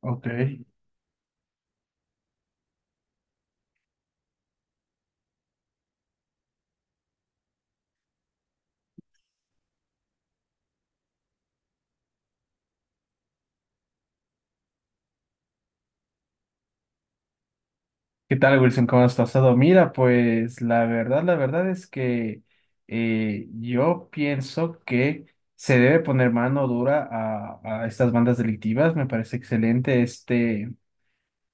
Ok. ¿Qué tal, Wilson? ¿Cómo has pasado? Mira, pues la verdad es que yo pienso que se debe poner mano dura a estas bandas delictivas. Me parece excelente este.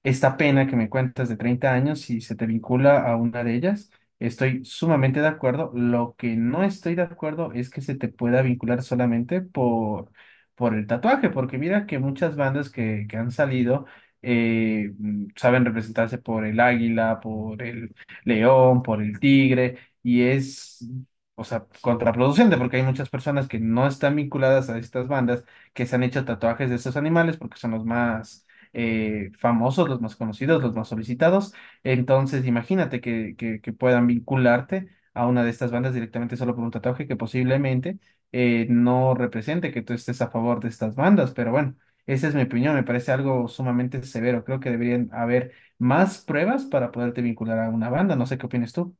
esta pena que me cuentas de 30 años, si se te vincula a una de ellas, estoy sumamente de acuerdo. Lo que no estoy de acuerdo es que se te pueda vincular solamente por el tatuaje, porque mira que muchas bandas que han salido saben representarse por el águila, por el león, por el tigre, y o sea, contraproducente, porque hay muchas personas que no están vinculadas a estas bandas que se han hecho tatuajes de estos animales porque son los más famosos, los más conocidos, los más solicitados. Entonces, imagínate que puedan vincularte a una de estas bandas directamente solo por un tatuaje que posiblemente no represente que tú estés a favor de estas bandas, pero bueno. Esa es mi opinión, me parece algo sumamente severo. Creo que deberían haber más pruebas para poderte vincular a una banda. No sé qué opinas tú.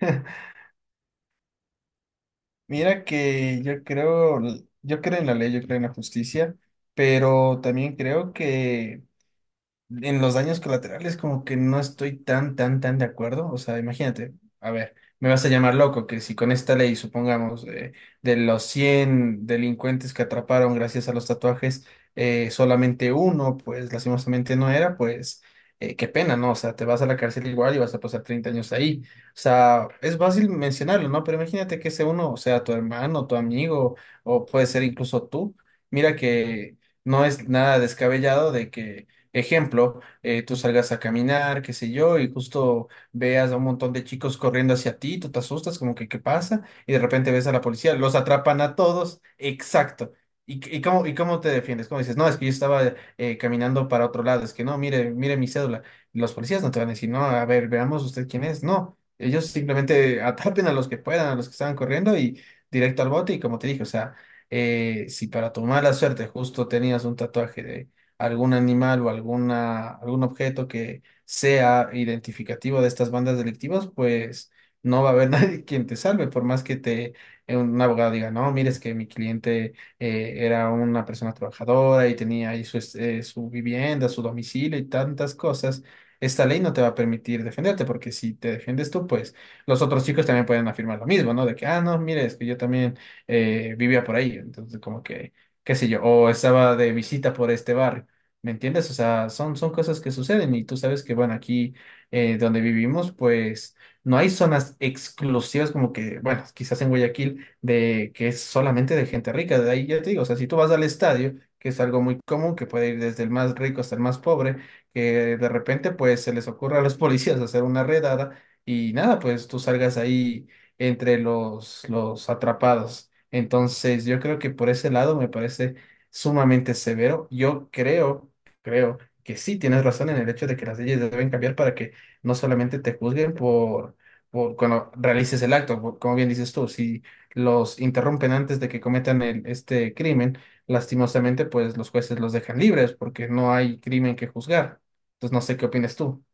Mira que yo creo en la ley, yo creo en la justicia, pero también creo que en los daños colaterales como que no estoy tan, tan, tan de acuerdo. O sea, imagínate, a ver, me vas a llamar loco que si con esta ley, supongamos, de los 100 delincuentes que atraparon gracias a los tatuajes, solamente uno, pues lastimosamente no era, pues qué pena, ¿no? O sea, te vas a la cárcel igual y vas a pasar 30 años ahí. O sea, es fácil mencionarlo, ¿no? Pero imagínate que ese uno sea tu hermano, tu amigo, o puede ser incluso tú. Mira que no es nada descabellado de que. Ejemplo, tú salgas a caminar, qué sé yo, y justo veas a un montón de chicos corriendo hacia ti, tú te asustas, como que qué pasa, y de repente ves a la policía, los atrapan a todos, exacto. ¿Y, y cómo te defiendes? ¿Cómo dices? No, es que yo estaba caminando para otro lado, es que no, mire, mire mi cédula. Los policías no te van a decir, no, a ver, veamos usted quién es. No, ellos simplemente atrapen a los que puedan, a los que estaban corriendo y directo al bote, y como te dije, o sea, si para tu mala suerte justo tenías un tatuaje algún animal algún objeto que sea identificativo de estas bandas delictivas, pues no va a haber nadie quien te salve, por más que te un abogado diga, no, mires que mi cliente era una persona trabajadora y tenía ahí su vivienda, su domicilio y tantas cosas. Esta ley no te va a permitir defenderte, porque si te defiendes tú, pues los otros chicos también pueden afirmar lo mismo, ¿no? De que, ah, no, mire, es que yo también vivía por ahí. Entonces, como que, qué sé yo, o estaba de visita por este barrio. ¿Me entiendes? O sea, son cosas que suceden y tú sabes que, bueno, aquí donde vivimos, pues no hay zonas exclusivas como que, bueno, quizás en Guayaquil, de que es solamente de gente rica. De ahí ya te digo, o sea, si tú vas al estadio, que es algo muy común, que puede ir desde el más rico hasta el más pobre, que de repente, pues se les ocurre a los policías hacer una redada y nada, pues tú salgas ahí entre los atrapados. Entonces, yo creo que por ese lado me parece sumamente severo. Yo creo que sí tienes razón en el hecho de que las leyes deben cambiar para que no solamente te juzguen por cuando realices el acto, por- como bien dices tú, si los interrumpen antes de que cometan este crimen, lastimosamente pues los jueces los dejan libres porque no hay crimen que juzgar. Entonces no sé qué opinas tú.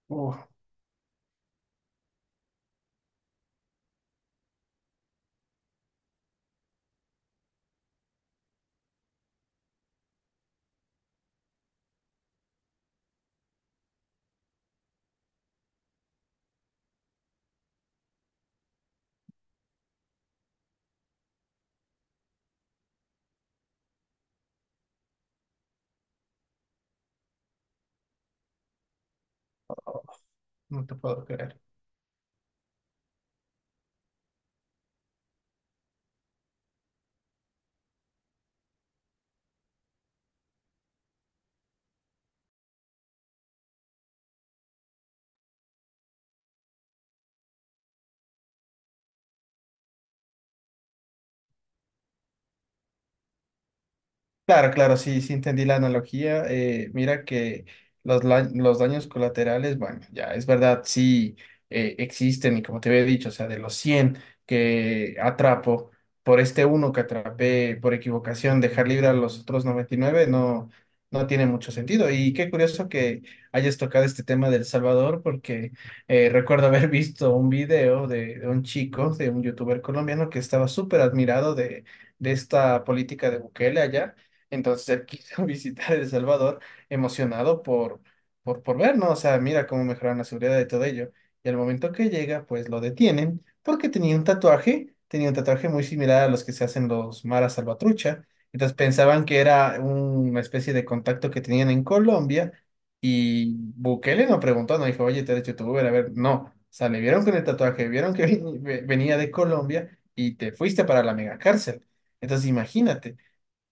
Uf, no te puedo creer. Claro, claro, sí, sí entendí la analogía. Mira que los daños colaterales, bueno, ya es verdad, sí existen y como te había dicho, o sea, de los 100 que atrapo, por este uno que atrapé por equivocación, dejar libre a los otros 99 no, no tiene mucho sentido. Y qué curioso que hayas tocado este tema del Salvador, porque recuerdo haber visto un video de un chico, de un youtuber colombiano que estaba súper admirado de esta política de Bukele allá, entonces él quiso visitar El Salvador emocionado por ver, ¿no? O sea, mira cómo mejoraron la seguridad de todo ello. Y al momento que llega, pues lo detienen porque tenía un tatuaje muy similar a los que se hacen los maras salvatrucha. Entonces pensaban que era una especie de contacto que tenían en Colombia y Bukele no preguntó, no dijo, oye, ¿te eres youtuber? A ver, no. O sea, le vieron con el tatuaje, vieron que venía de Colombia y te fuiste para la mega cárcel. Entonces, imagínate.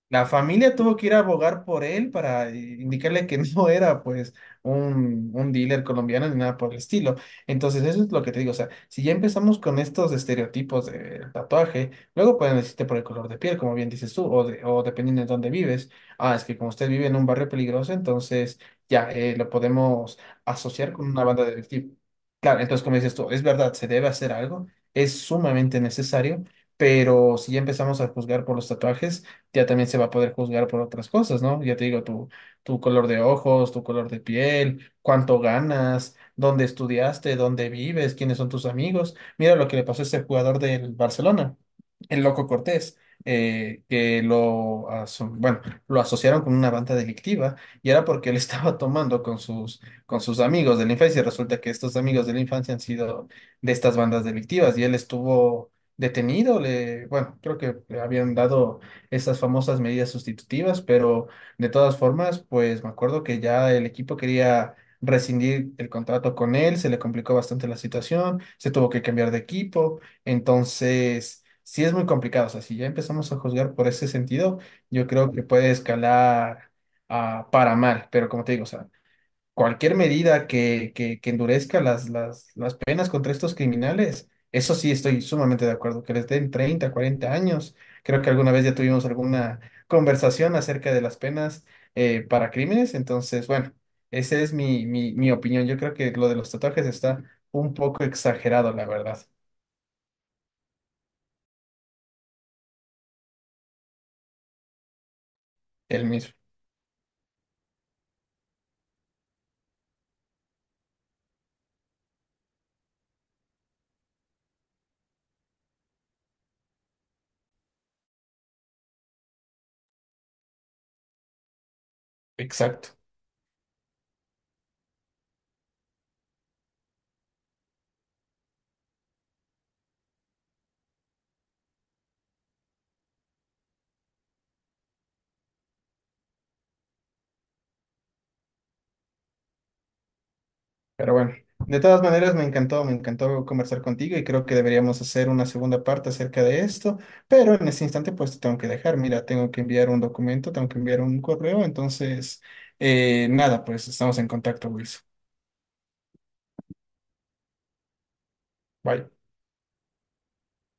La familia tuvo que ir a abogar por él para indicarle que no era pues un dealer colombiano ni nada por el estilo. Entonces eso es lo que te digo, o sea, si ya empezamos con estos estereotipos de tatuaje, luego pueden decirte por el color de piel, como bien dices tú, o dependiendo de dónde vives. Ah, es que como usted vive en un barrio peligroso, entonces ya lo podemos asociar con una banda delictiva. Claro, entonces como dices tú, es verdad, se debe hacer algo, es sumamente necesario, pero si ya empezamos a juzgar por los tatuajes, ya también se va a poder juzgar por otras cosas, ¿no? Ya te digo, tu color de ojos, tu color de piel, cuánto ganas, dónde estudiaste, dónde vives, quiénes son tus amigos. Mira lo que le pasó a este jugador del Barcelona, el Loco Cortés. Bueno, lo asociaron con una banda delictiva y era porque él estaba tomando con sus amigos de la infancia y resulta que estos amigos de la infancia han sido de estas bandas delictivas y él estuvo detenido, bueno, creo que le habían dado esas famosas medidas sustitutivas, pero de todas formas, pues me acuerdo que ya el equipo quería rescindir el contrato con él, se le complicó bastante la situación, se tuvo que cambiar de equipo, entonces sí es muy complicado, o sea, si ya empezamos a juzgar por ese sentido, yo creo que puede escalar para mal, pero como te digo, o sea, cualquier medida que endurezca las penas contra estos criminales, eso sí estoy sumamente de acuerdo, que les den 30, 40 años. Creo que alguna vez ya tuvimos alguna conversación acerca de las penas para crímenes, entonces, bueno, esa es mi opinión. Yo creo que lo de los tatuajes está un poco exagerado, la verdad, el mismo. Exacto. Pero bueno, de todas maneras me encantó conversar contigo y creo que deberíamos hacer una segunda parte acerca de esto, pero en este instante pues te tengo que dejar, mira, tengo que enviar un documento, tengo que enviar un correo, entonces, nada, pues estamos en contacto, Wilson. Bye.